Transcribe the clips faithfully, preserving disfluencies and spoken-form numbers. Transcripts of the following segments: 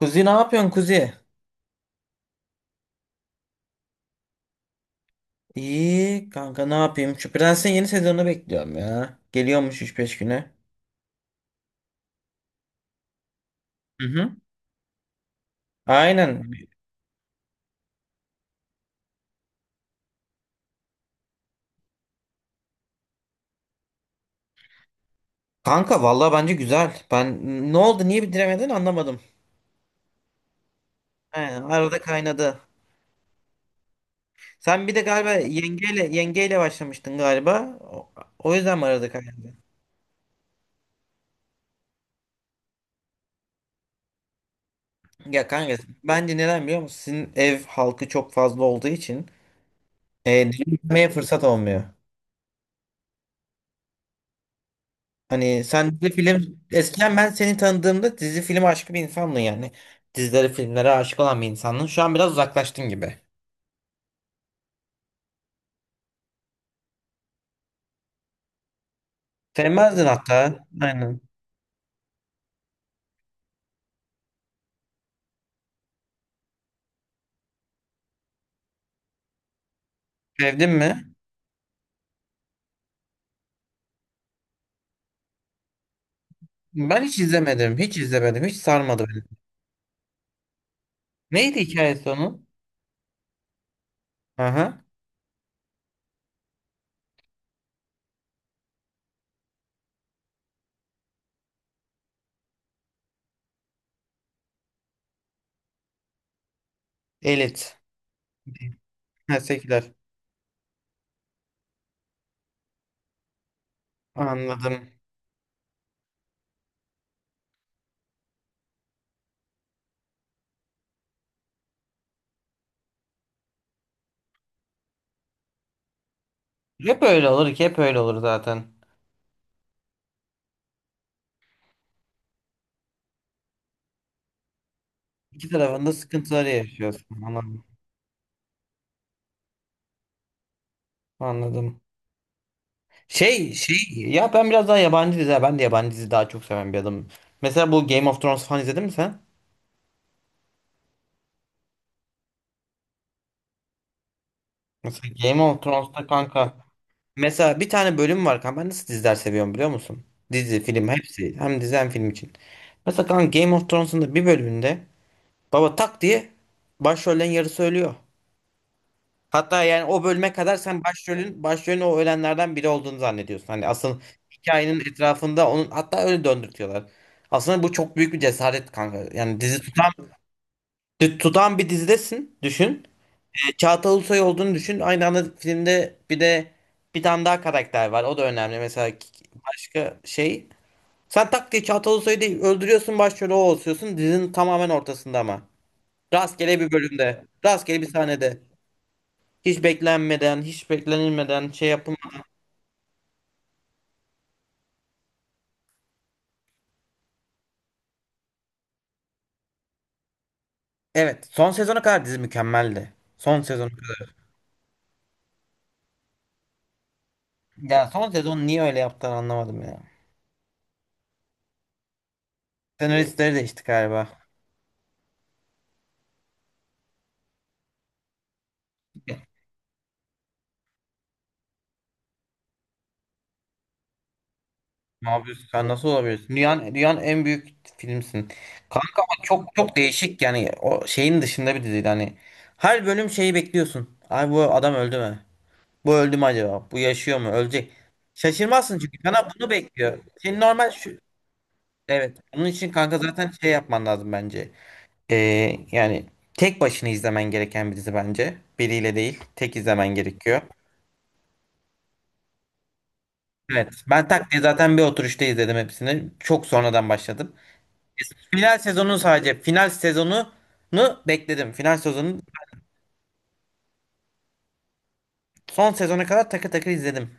Kuzi, ne yapıyorsun Kuzi? İyi kanka, ne yapayım? Şu Prens'in yeni sezonunu bekliyorum ya. Geliyormuş üç beş güne. Hı hı. Aynen. Kanka vallahi bence güzel. Ben ne oldu niye bitiremedin anlamadım. He, arada kaynadı. Sen bir de galiba yengeyle yengeyle başlamıştın galiba. O, o yüzden mi arada kaynadı? Ya kanka, bence neden biliyor musun? Sizin ev halkı çok fazla olduğu için e, dinlemeye fırsat olmuyor. Hani sen dizi film, eskiden ben seni tanıdığımda dizi film aşkı bir insandın yani. Dizilere filmlere aşık olan bir insandın. Şu an biraz uzaklaştın gibi. Sevmezdin hatta. Aynen. Sevdin mi? Ben hiç izlemedim. Hiç izlemedim. Hiç sarmadı beni. Neydi hikayesi onun? Aha. Elit. Ha, Sekiler. Anladım. Hep öyle olur ki, hep öyle olur zaten. İki tarafında sıkıntıları yaşıyorsun. Anladım. Anladım. Şey şey ya, ben biraz daha yabancı dizi, ben de yabancı dizi daha çok seven bir adamım. Mesela bu Game of Thrones falan izledin mi sen? Mesela Game of Thrones'ta kanka, mesela bir tane bölüm var kanka, ben nasıl diziler seviyorum biliyor musun? Dizi, film, hepsi, hem dizi hem film için. Mesela kanka Game of Thrones'un da bir bölümünde baba tak diye başrollerin yarısı ölüyor. Hatta yani o bölüme kadar sen başrolün başrolün o ölenlerden biri olduğunu zannediyorsun. Hani asıl hikayenin etrafında onun, hatta öyle döndürtüyorlar. Aslında bu çok büyük bir cesaret kanka. Yani dizi tutan Tut- Tutan bir dizidesin düşün. E, Çağatay Ulusoy olduğunu düşün. Aynı anda filmde bir de bir tane daha karakter var. O da önemli. Mesela k- başka şey. Sen tak diye Çağatay Ulusoy'u değil öldürüyorsun, başrolü o oluyorsun. Dizinin tamamen ortasında ama. Rastgele bir bölümde. Rastgele bir sahnede. Hiç beklenmeden, hiç beklenilmeden şey yapım. Evet. Son sezona kadar dizi mükemmeldi. Son sezona kadar. Ya son sezon niye öyle yaptılar anlamadım ya. Senaristleri değişti galiba. Ne yapıyorsun? Sen nasıl olabilirsin? Dünyanın, dünyanın en büyük filmsin. Kanka ama çok çok değişik, yani o şeyin dışında bir diziydi hani. Her bölüm şeyi bekliyorsun. Ay, bu adam öldü mü? Bu öldü mü acaba? Bu yaşıyor mu? Ölecek. Şaşırmazsın çünkü sana bunu bekliyor. Senin normal şu... Evet. Onun için kanka zaten şey yapman lazım bence. Ee, yani tek başına izlemen gereken bir dizi bence. Biriyle değil. Tek izlemen gerekiyor. Evet. Ben tak diye zaten bir oturuşta izledim hepsini. Çok sonradan başladım. Final sezonu sadece. Final sezonunu bekledim. Final sezonunu, son sezona kadar takır takır izledim.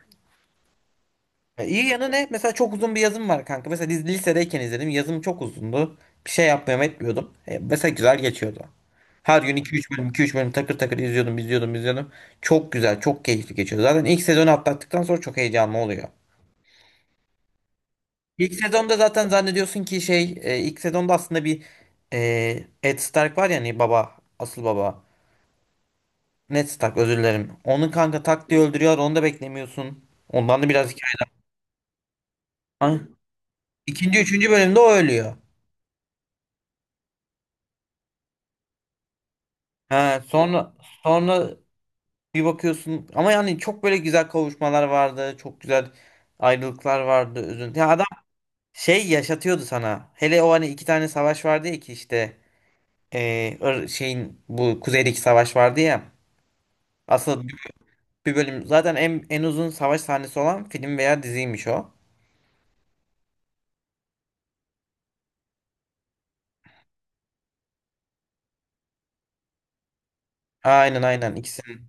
Ya İyi yanı ne? Mesela çok uzun bir yazım var kanka. Mesela biz lisedeyken izledim. Yazım çok uzundu. Bir şey yapmıyorum etmiyordum. E, mesela güzel geçiyordu. Her gün 2-3 bölüm 2-3 bölüm takır takır izliyordum izliyordum izliyordum. Çok güzel, çok keyifli geçiyor. Zaten ilk sezonu atlattıktan sonra çok heyecanlı oluyor. İlk sezonda zaten zannediyorsun ki şey e, ilk sezonda aslında bir e, Ed Stark var ya, hani baba, asıl baba. Ned tak, özür dilerim. Onu kanka tak diye öldürüyor. Onu da beklemiyorsun. Ondan da biraz hikaye. Ay, İkinci, üçüncü bölümde o ölüyor. Ha, sonra sonra bir bakıyorsun ama yani çok böyle güzel kavuşmalar vardı. Çok güzel ayrılıklar vardı. Üzüntü. Ya adam şey yaşatıyordu sana. Hele o hani iki tane savaş vardı ya, ki işte eee, Ir- şeyin bu kuzeydeki savaş vardı ya. Asıl bir bir bölüm zaten en, en uzun savaş sahnesi olan film veya diziymiş o. Aynen aynen ikisini.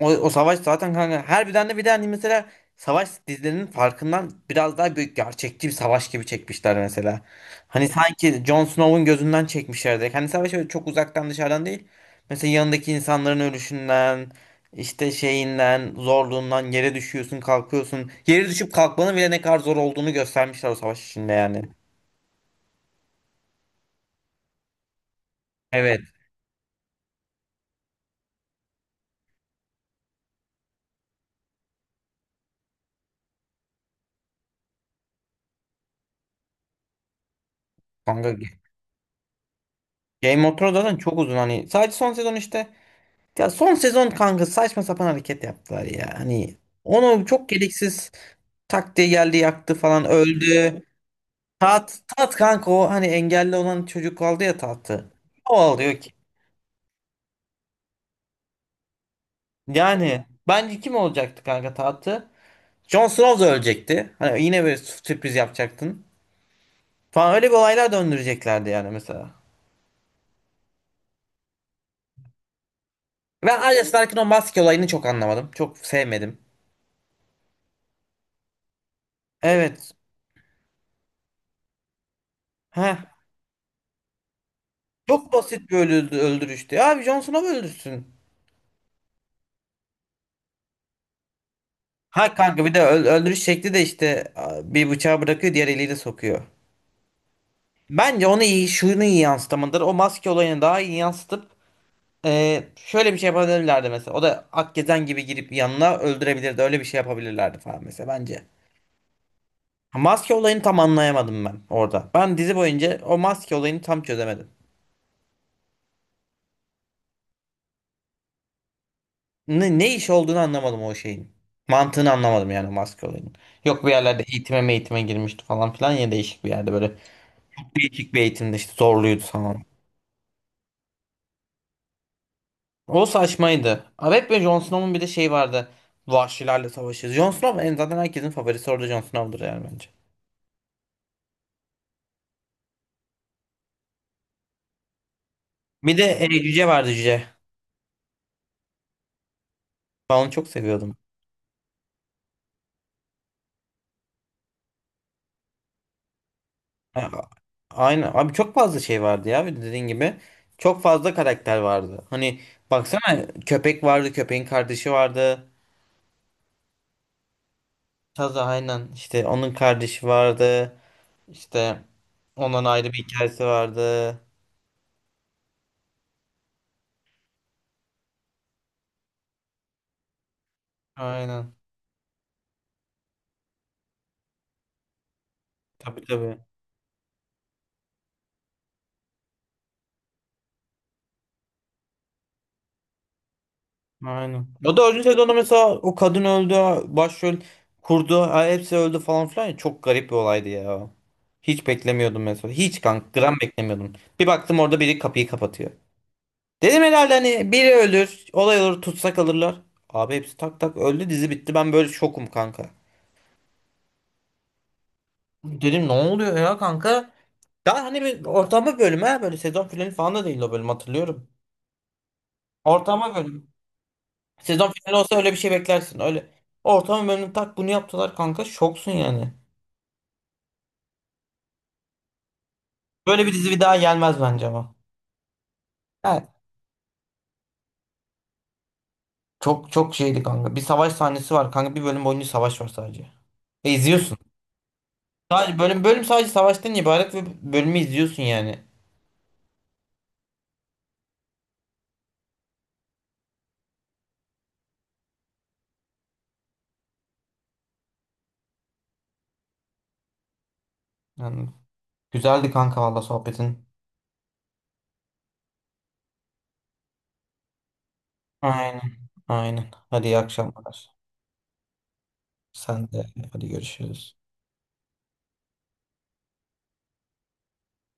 O, o savaş zaten kanka harbiden de, bir de hani mesela savaş dizilerinin farkından biraz daha büyük, gerçekçi bir savaş gibi çekmişler mesela. Hani sanki Jon Snow'un gözünden çekmişlerdi. Hani savaş öyle çok uzaktan, dışarıdan değil. Mesela yanındaki insanların ölüşünden, işte şeyinden, zorluğundan yere düşüyorsun, kalkıyorsun. Yere düşüp kalkmanın bile ne kadar zor olduğunu göstermişler o savaş içinde yani. Evet. Kanka Game of Thrones zaten çok uzun hani. Sadece son sezon işte. Ya son sezon kanka saçma sapan hareket yaptılar ya. Hani onu çok gereksiz tak diye geldi, yaktı falan, öldü. Tat, tat kanka o hani engelli olan çocuk aldı ya tahtı. O alıyor ki. Yani bence kim olacaktı kanka tahtı? Jon Snow da ölecekti. Hani yine bir sürpriz yapacaktın. Falan öyle bir olaylar döndüreceklerdi yani mesela. Ben Arya Stark'ın o maske olayını çok anlamadım. Çok sevmedim. Evet. Heh. Çok basit bir öldü- öldürüştü. Ya abi Jon Snow öldürsün. Ha kanka, bir de öl- öldürüş şekli de işte a, bir bıçağı bırakıyor, diğer eliyle sokuyor. Bence onu iyi, şunu iyi yansıtamadır. O maske olayını daha iyi yansıtıp e, şöyle bir şey yapabilirlerdi mesela. O da Akgezen gibi girip yanına öldürebilirdi. Öyle bir şey yapabilirlerdi falan mesela bence. Ha, maske olayını tam anlayamadım ben orada. Ben dizi boyunca o maske olayını tam çözemedim. Ne, ne iş olduğunu anlamadım o şeyin. Mantığını anlamadım yani o maske olayının. Yok bir yerlerde eğitime eğitime girmişti falan filan ya, değişik bir yerde böyle. Değişik bir eğitimde işte zorluydu falan. O saçmaydı. Evet ve Jon Snow'un bir de şey vardı. Vahşilerle savaşıyoruz. Jon Snow en, zaten herkesin favorisi orada Jon Snow'dur yani bence. Bir de e, cüce vardı, cüce. Ben onu çok seviyordum. Ha, aynen. Abi çok fazla şey vardı ya. Bir de dediğin gibi. Çok fazla karakter vardı. Hani baksana, köpek vardı. Köpeğin kardeşi vardı. Taza aynen. İşte onun kardeşi vardı. İşte ondan ayrı bir hikayesi vardı. Aynen. Tabii tabii. Aynen. O da öldüyse de ona, mesela o kadın öldü, başrol kurdu, ha, hepsi öldü falan filan ya. Çok garip bir olaydı ya. Hiç beklemiyordum mesela. Hiç kank gram beklemiyordum. Bir baktım orada biri kapıyı kapatıyor. Dedim herhalde hani biri ölür, olay olur, tutsak alırlar. Abi hepsi tak tak öldü, dizi bitti. Ben böyle şokum kanka. Dedim ne oluyor ya kanka? Daha hani bir ortama bölüm, ha böyle sezon finali falan da değil o bölüm, hatırlıyorum. Ortama bölüm. Sezon finali olsa öyle bir şey beklersin. Öyle ortamı memnun tak bunu yaptılar kanka. Şoksun yani. Böyle bir dizi bir daha gelmez bence ama. Evet. Çok çok şeydi kanka. Bir savaş sahnesi var kanka. Bir bölüm boyunca savaş var sadece. Ve izliyorsun. Sadece bölüm bölüm sadece savaştan ibaret ve bölümü izliyorsun yani. Yani güzeldi kanka valla sohbetin. Aynen. Aynen. Hadi iyi akşamlar. Sen de, hadi görüşürüz.